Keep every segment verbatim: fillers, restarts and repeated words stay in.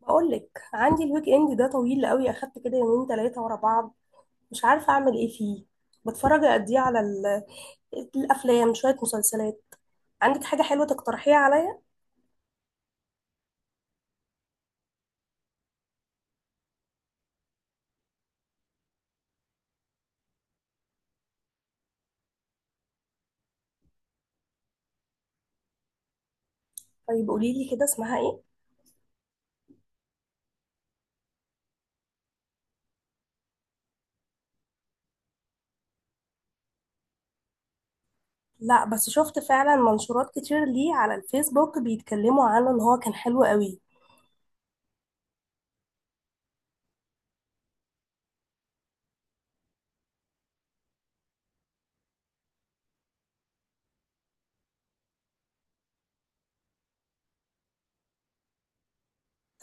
بقول لك عندي الويك اند ده طويل قوي، اخدت كده يومين ثلاثه ورا بعض. مش عارفه اعمل ايه فيه. بتفرج قد ايه على ال- الافلام، شويه مسلسلات؟ عندك حاجه حلوه تقترحيها عليا؟ طيب قولي لي كده، اسمها ايه؟ لا بس شفت فعلا منشورات كتير ليه على الفيسبوك بيتكلموا عنه ان هو كان حلو قوي.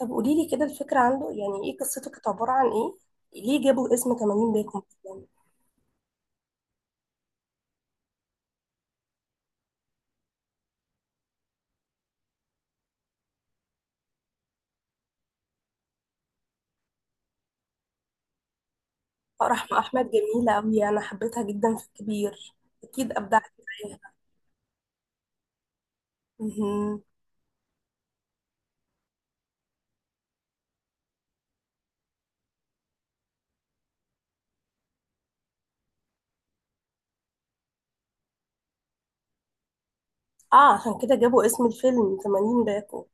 طب قولي لي كده الفكره عنده، يعني ايه قصته؟ كانت عباره عن ايه؟ ليه جابوا اسم ثمانين باكو يعني؟ فرح احمد جميله قوي، انا حبيتها جدا في الكبير. اكيد ابدعت فيها. مهم. اه عشان كده جابوا اسم الفيلم ثمانين باكو.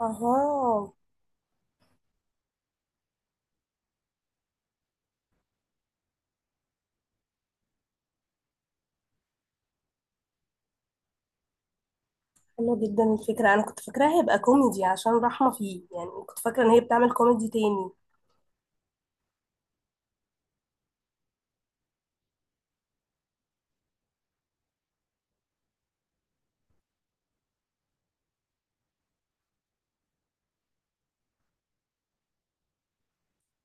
اها، حلو جدا الفكرة، انا كنت فاكراها هيبقى كوميدي عشان رحمة فيه، يعني كنت فاكرة ان هي بتعمل كوميدي تاني.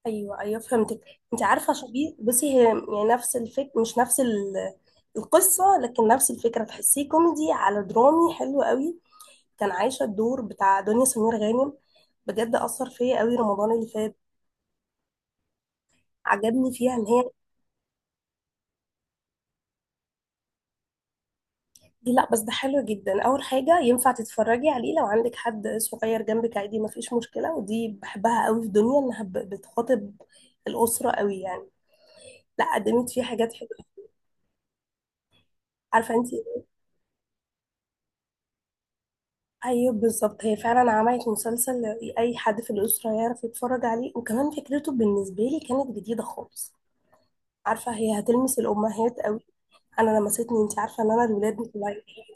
ايوه، ايوه، فهمتك. انت عارفة شبيه، بصي هي يعني نفس الفك، مش نفس ال... القصة، لكن نفس الفكرة، تحسيه كوميدي على درامي، حلو قوي. كان عايشة الدور بتاع دنيا سمير غانم، بجد أثر فيا قوي رمضان اللي فات. عجبني فيها ان هي دي. لا بس ده حلو جدا، اول حاجه ينفع تتفرجي عليه لو عندك حد صغير جنبك، عادي ما فيش مشكله، ودي بحبها قوي في دنيا انها ب- بتخاطب الاسره قوي يعني. لا قدمت فيه حاجات حلوه، عارفه انت. ايوه بالظبط، هي فعلا عملت مسلسل اي حد في الاسره يعرف يتفرج عليه، وكمان فكرته بالنسبه لي كانت جديده خالص. عارفه هي هتلمس الامهات قوي، انا لمستني، انت عارفه ان انا الولاد مش...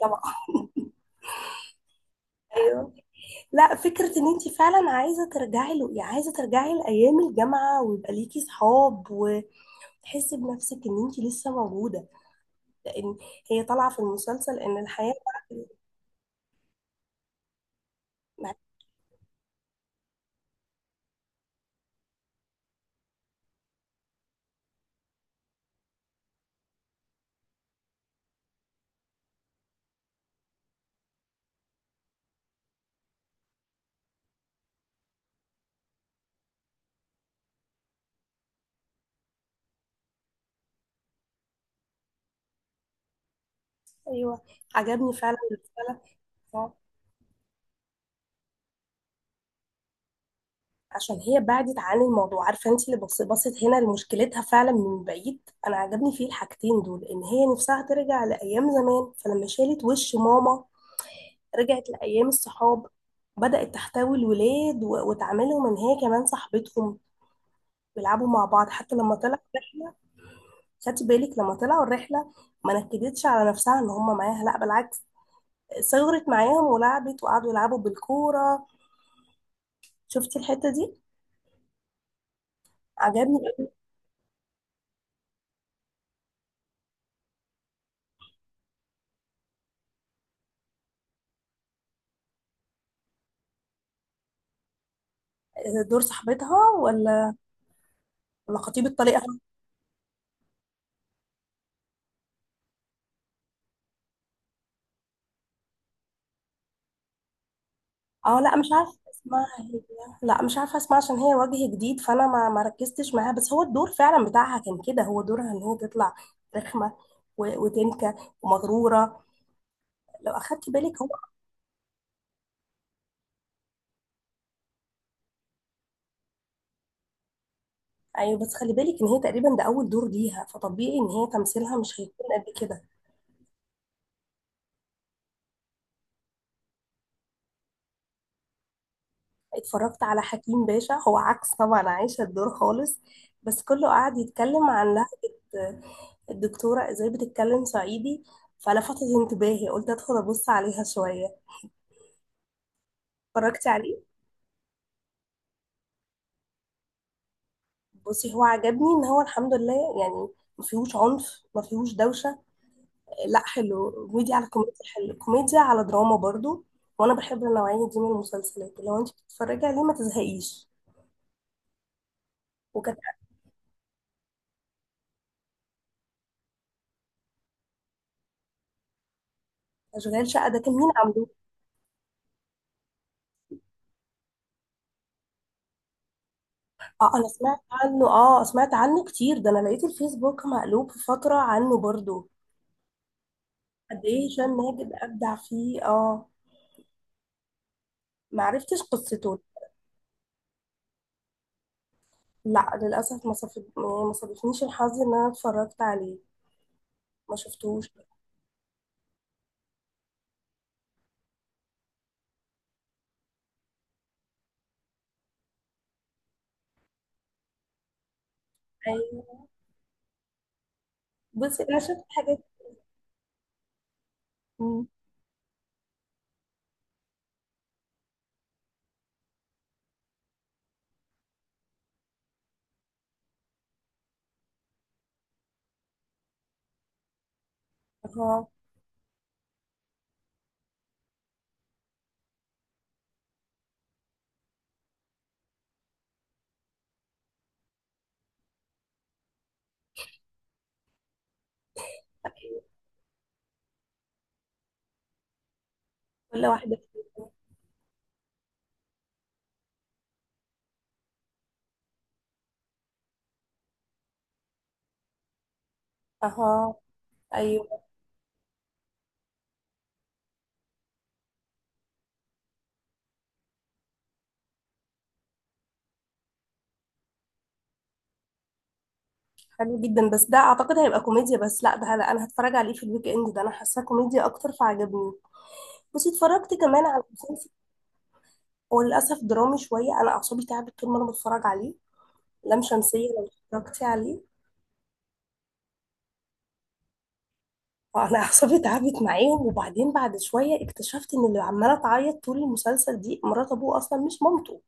طبعا. ايوه. لا فكرة ان انت فعلا عايزة ترجعي له، يعني عايزة ترجعي لأيام الجامعة ويبقى ليكي صحاب وتحسي بنفسك ان انت لسه موجودة، لان هي طالعة في المسلسل ان الحياة... ايوه عجبني فعلا. فعلا. آه. عشان هي بعدت عن الموضوع، عارفة انت اللي بص- بصت هنا لمشكلتها فعلا من بعيد. انا عجبني فيه الحاجتين دول، ان هي نفسها ترجع لأيام زمان، فلما شالت وش ماما رجعت لأيام الصحاب، بدأت تحتوي الولاد و- وتعاملهم ان هي كمان صاحبتهم، بيلعبوا مع بعض. حتى لما طلع الرحله، خدتي بالك لما طلعوا الرحله؟ ما نكدتش على نفسها ان هم معاها، لا بالعكس، صغرت معاهم ولعبت، وقعدوا يلعبوا بالكوره. شفتي الحته دي؟ عجبني. دور صاحبتها، ولا ولا خطيب الطليقه؟ اه لا مش عارفه اسمها هي. لا مش عارفه اسمها عشان هي وجه جديد، فانا ما ما ركزتش معاها، بس هو الدور فعلا بتاعها كان كده، هو دورها ان هي تطلع رخمه و- وتنكه ومغروره، لو اخدتي بالك. ايوه بس خلي بالك ان هي تقريبا ده اول دور ليها، فطبيعي ان هي تمثيلها مش هيكون قد كده. اتفرجت على حكيم باشا، هو عكس طبعا عايشه الدور خالص، بس كله قعد يتكلم عن لهجه الدكتوره ازاي بتتكلم صعيدي، فلفتت انتباهي، قلت ادخل ابص عليها شويه. اتفرجتي عليه؟ بصي هو عجبني ان هو الحمد لله يعني ما فيهوش عنف، ما فيهوش دوشه. لا حلو، كوميديا على كوميديا، حلو، كوميديا على دراما برضو. وانا بحب النوعيه دي من المسلسلات، لو انت بتتفرجي عليه ما تزهقيش. وكانت... اشغال شقه ده كان مين عامله؟ اه انا سمعت عنه، اه سمعت عنه كتير ده، انا لقيت الفيسبوك مقلوب في فتره عنه برضو. قد ايه هشام ماجد ابدع فيه، اه. ما عرفتش قصته. لا للاسف، ما صف... يعني ما صادفنيش الحظ ان انا اتفرجت عليه، ما شفتوش. ايوه بصي انا شفت حاجات. مم. اها. أيوة. كل واحده فيهم. اها، ايوه. حلو جدا، بس ده اعتقد هيبقى كوميديا بس. لا ده لا، انا هتفرج عليه في الويك اند ده، انا حاساه كوميديا اكتر فعجبني. بصي اتفرجت كمان على مسلسل، هو للأسف درامي شوية، أنا أعصابي تعبت طول ما أنا بتفرج عليه. لام شمسية، لو اتفرجتي عليه؟ أنا أعصابي تعبت معاهم، وبعدين بعد شوية اكتشفت إن اللي عمالة تعيط طول المسلسل دي مرات أبوه أصلا مش مامته.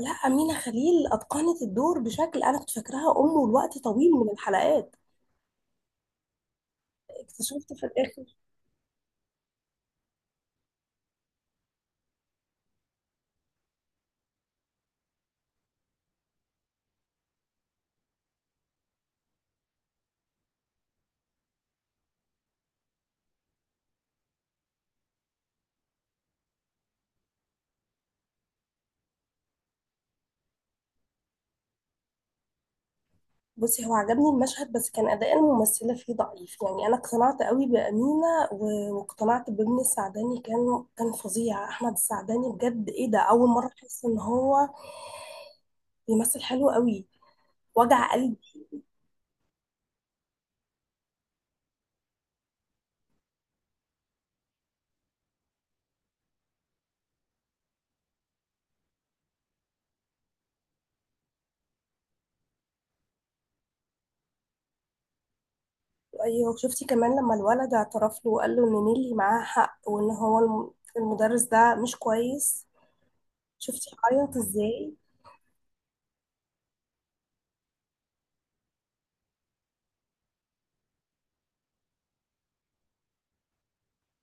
لا أمينة خليل أتقنت الدور بشكل، أنا كنت فاكراها أمه لوقت طويل من الحلقات، اكتشفت في الآخر. بصي هو عجبني المشهد، بس كان أداء الممثلة فيه ضعيف يعني، أنا اقتنعت قوي بأمينة و- واقتنعت بابن السعداني، كان كان فظيع أحمد السعداني، بجد إيه ده، أول مرة أحس إن هو بيمثل حلو قوي، وجع قلبي. أيوة شفتي كمان لما الولد اعترف له وقال له إن نيلي معاها حق، وإن هو الم- المدرس ده مش كويس؟ شفتي عيط إزاي؟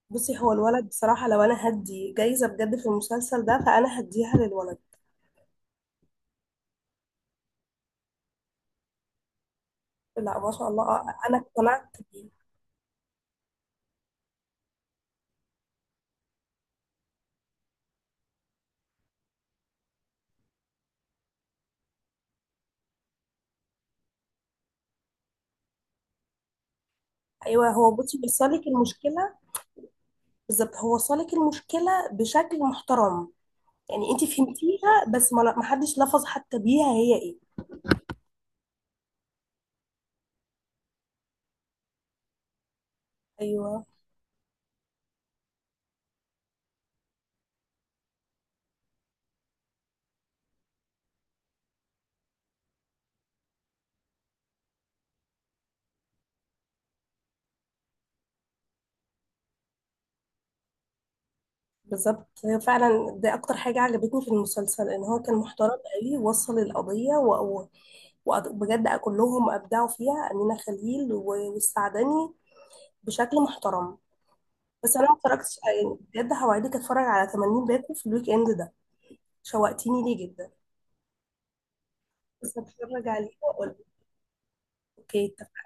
بصي هو الولد بصراحة، لو أنا هدي جايزة بجد في المسلسل ده فأنا هديها للولد. لا ما شاء الله. أنا اقتنعت بيه. ايوه هو، بصي بيصالك المشكله، بالظبط هو صالك المشكله بشكل محترم. يعني انت فهمتيها، بس ما ما حدش لفظ حتى بيها هي ايه. ايوه بالظبط، هي فعلا دي اكتر حاجه عجبتني في المسلسل، ان هو كان محترم قوي، وصل القضيه و- و- وبجد كلهم ابدعوا فيها، امينه خليل و- والسعدني، بشكل محترم. بس انا ما اتفرجتش يعني، بجد هوعدك اتفرج على ثمانين باكو في الويك اند ده، شوقتيني ليه جدا. بس هتفرج عليه واقول لك. اوكي اتفقنا.